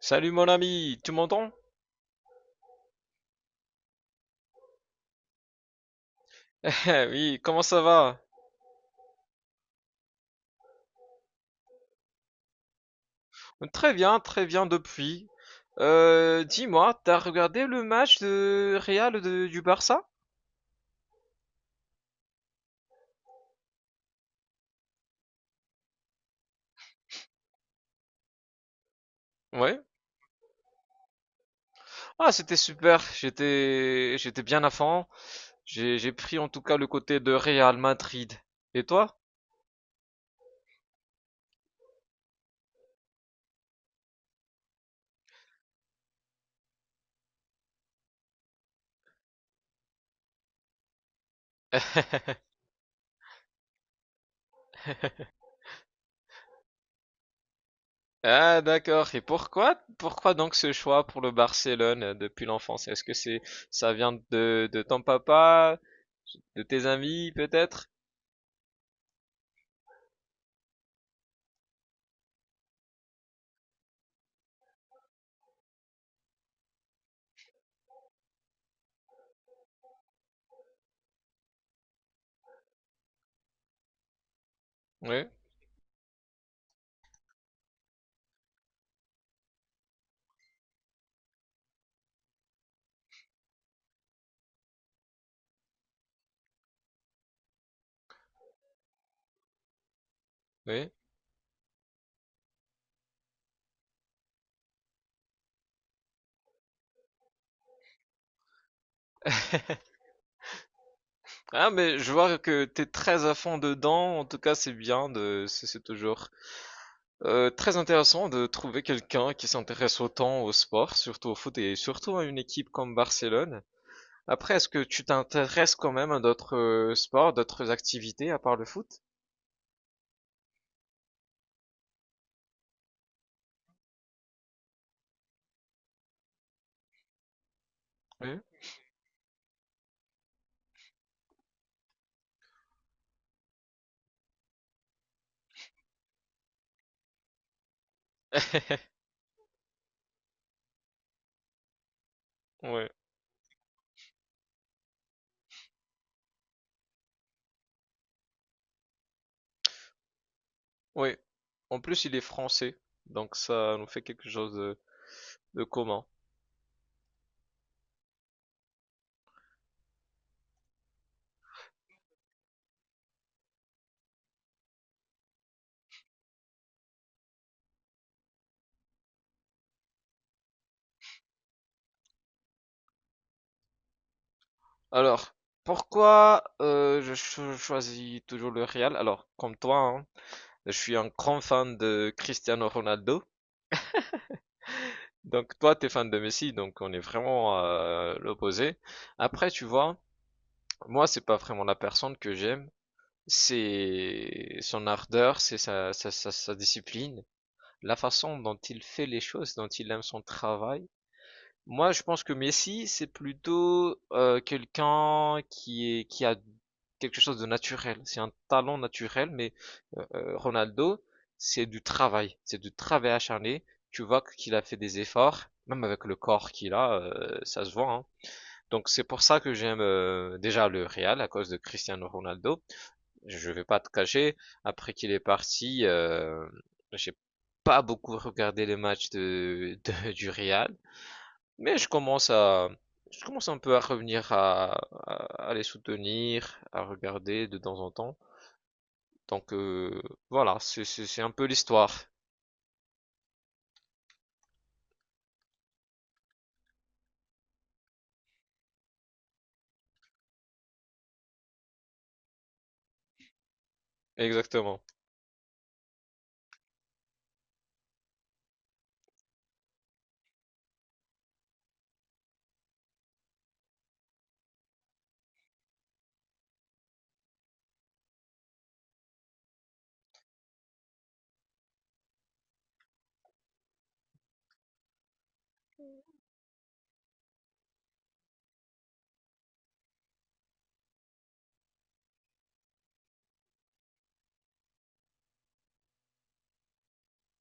Salut mon ami, tu m'entends? Oui, comment ça va? Très bien depuis. Dis-moi, t'as regardé le match de du Barça? Ouais. Ah, c'était super. J'étais bien à fond. J'ai pris en tout cas le côté de Real Madrid. Et toi? Ah d'accord. Et pourquoi donc ce choix pour le Barcelone depuis l'enfance? Est-ce que c'est, ça vient de ton papa, de tes amis peut-être? Oui, oui. Ah mais je vois que t'es très à fond dedans. En tout cas, c'est bien de, c'est toujours très intéressant de trouver quelqu'un qui s'intéresse autant au sport, surtout au foot et surtout à une équipe comme Barcelone. Après, est-ce que tu t'intéresses quand même à d'autres sports, d'autres activités à part le foot? Oui. Oui. Oui, en plus il est français, donc ça nous fait quelque chose de commun. Alors, pourquoi choisis toujours le Real? Alors, comme toi, hein, je suis un grand fan de Cristiano Ronaldo. Donc toi, t'es fan de Messi, donc on est vraiment l'opposé. Après, tu vois, moi, c'est pas vraiment la personne que j'aime, c'est son ardeur, c'est sa discipline, la façon dont il fait les choses, dont il aime son travail. Moi, je pense que Messi, c'est plutôt quelqu'un qui a quelque chose de naturel. C'est un talent naturel, mais Ronaldo, c'est du travail acharné. Tu vois qu'il a fait des efforts, même avec le corps qu'il a, ça se voit, hein. Donc c'est pour ça que j'aime déjà le Real à cause de Cristiano Ronaldo. Je vais pas te cacher, après qu'il est parti, j'ai pas beaucoup regardé les matchs du Real. Mais je commence à, je commence un peu à revenir à, à les soutenir, à regarder de temps en temps. Donc voilà, c'est un peu l'histoire. Exactement.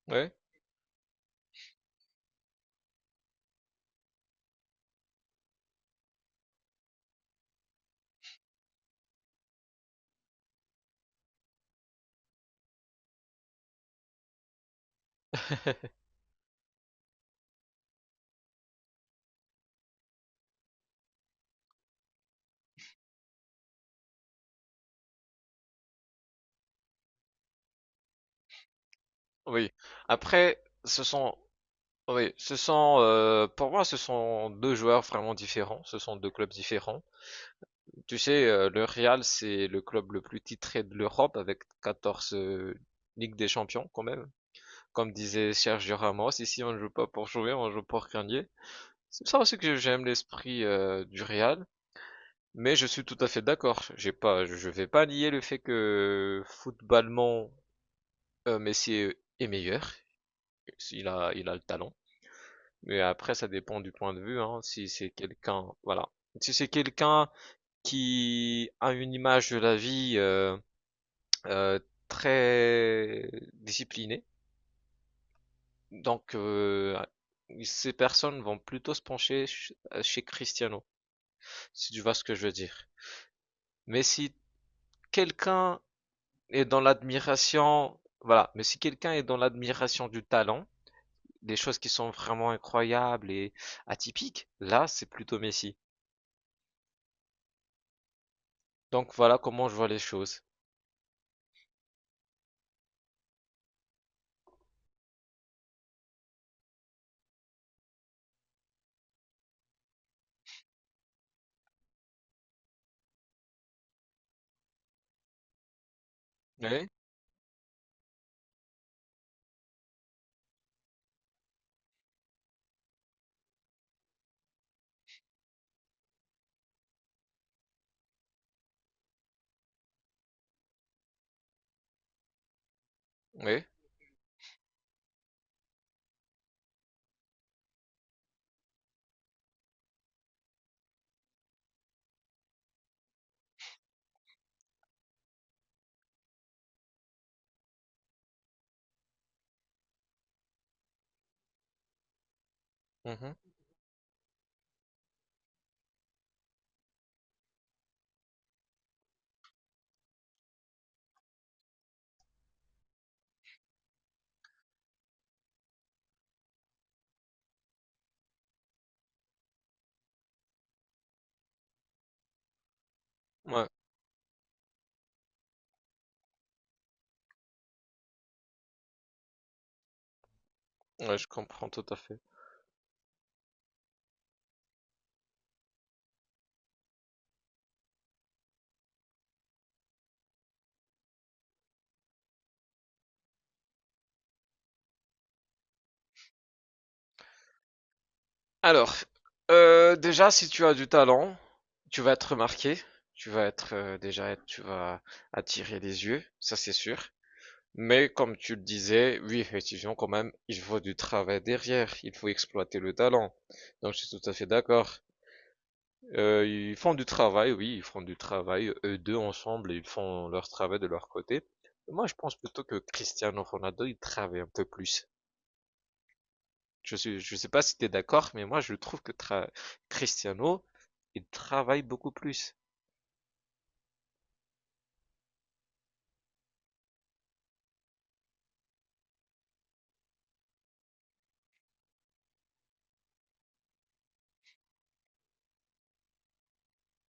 Oui. Oui. Après, ce sont, oui, ce sont, pour moi, ce sont deux joueurs vraiment différents. Ce sont deux clubs différents. Tu sais, le Real, c'est le club le plus titré de l'Europe avec 14 Ligues des Champions quand même. Comme disait Sergio Ramos, ici on ne joue pas pour jouer, on joue pour gagner. C'est ça aussi que j'aime l'esprit du Real, mais je suis tout à fait d'accord. J'ai pas, je vais pas nier le fait que footballement Messi est meilleur. Il a le talent. Mais après, ça dépend du point de vue. Hein, si c'est quelqu'un, voilà, si c'est quelqu'un qui a une image de la vie euh, très disciplinée, donc ces personnes vont plutôt se pencher chez Cristiano, si tu vois ce que je veux dire. Mais si quelqu'un est dans l'admiration, voilà, mais si quelqu'un est dans l'admiration du talent, des choses qui sont vraiment incroyables et atypiques, là, c'est plutôt Messi. Donc voilà comment je vois les choses. Oui, oui, mhm, ouais, ouais, je comprends tout à fait. Alors, déjà, si tu as du talent, tu vas être remarqué, tu vas être déjà, tu vas attirer les yeux, ça c'est sûr. Mais comme tu le disais, oui, effectivement, quand même, il faut du travail derrière, il faut exploiter le talent. Donc, je suis tout à fait d'accord. Ils font du travail, oui, ils font du travail, eux deux ensemble, ils font leur travail de leur côté. Moi, je pense plutôt que Cristiano Ronaldo, il travaille un peu plus. Je suis, je sais pas si t'es d'accord, mais moi, je trouve que Cristiano, il travaille beaucoup plus.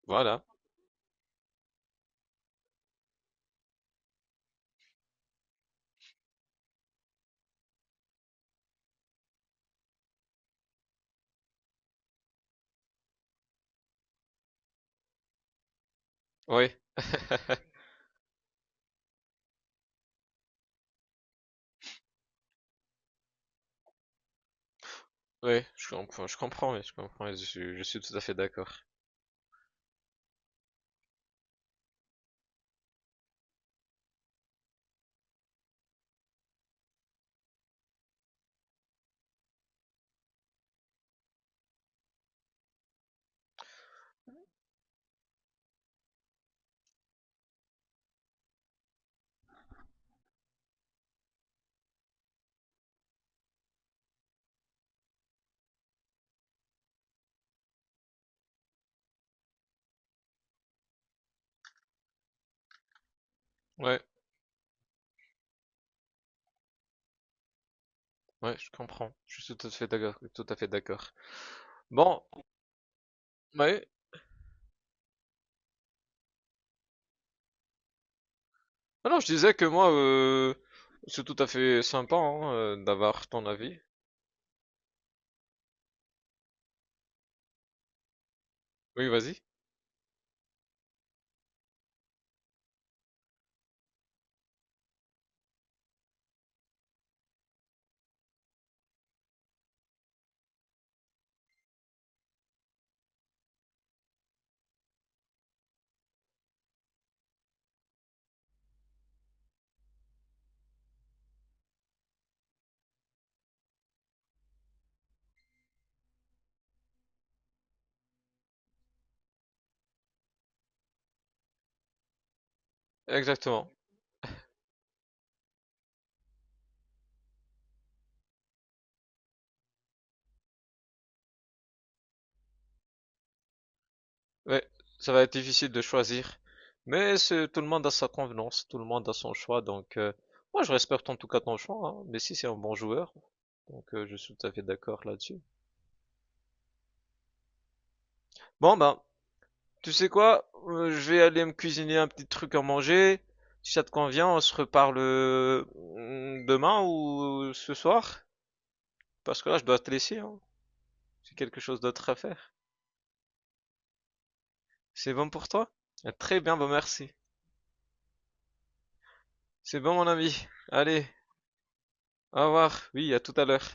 Voilà. Oui, oui, je comprends, oui, je comprends, je suis tout à fait d'accord. Ouais. Ouais, je comprends. Je suis tout à fait d'accord. Tout à fait d'accord. Bon, ouais. Alors, je disais que moi, c'est tout à fait sympa hein, d'avoir ton avis. Oui, vas-y. Exactement. Ouais, ça va être difficile de choisir, mais c'est tout le monde a sa convenance, tout le monde a son choix. Donc, moi, je respecte en tout cas ton choix, hein. Messi, c'est un bon joueur, donc je suis tout à fait d'accord là-dessus. Bon, ben, tu sais quoi? Je vais aller me cuisiner un petit truc à manger. Si ça te convient, on se reparle demain ou ce soir. Parce que là, je dois te laisser, hein. J'ai quelque chose d'autre à faire. C'est bon pour toi? Ah, très bien, bah merci. C'est bon, mon ami. Allez, au revoir. Oui, à tout à l'heure.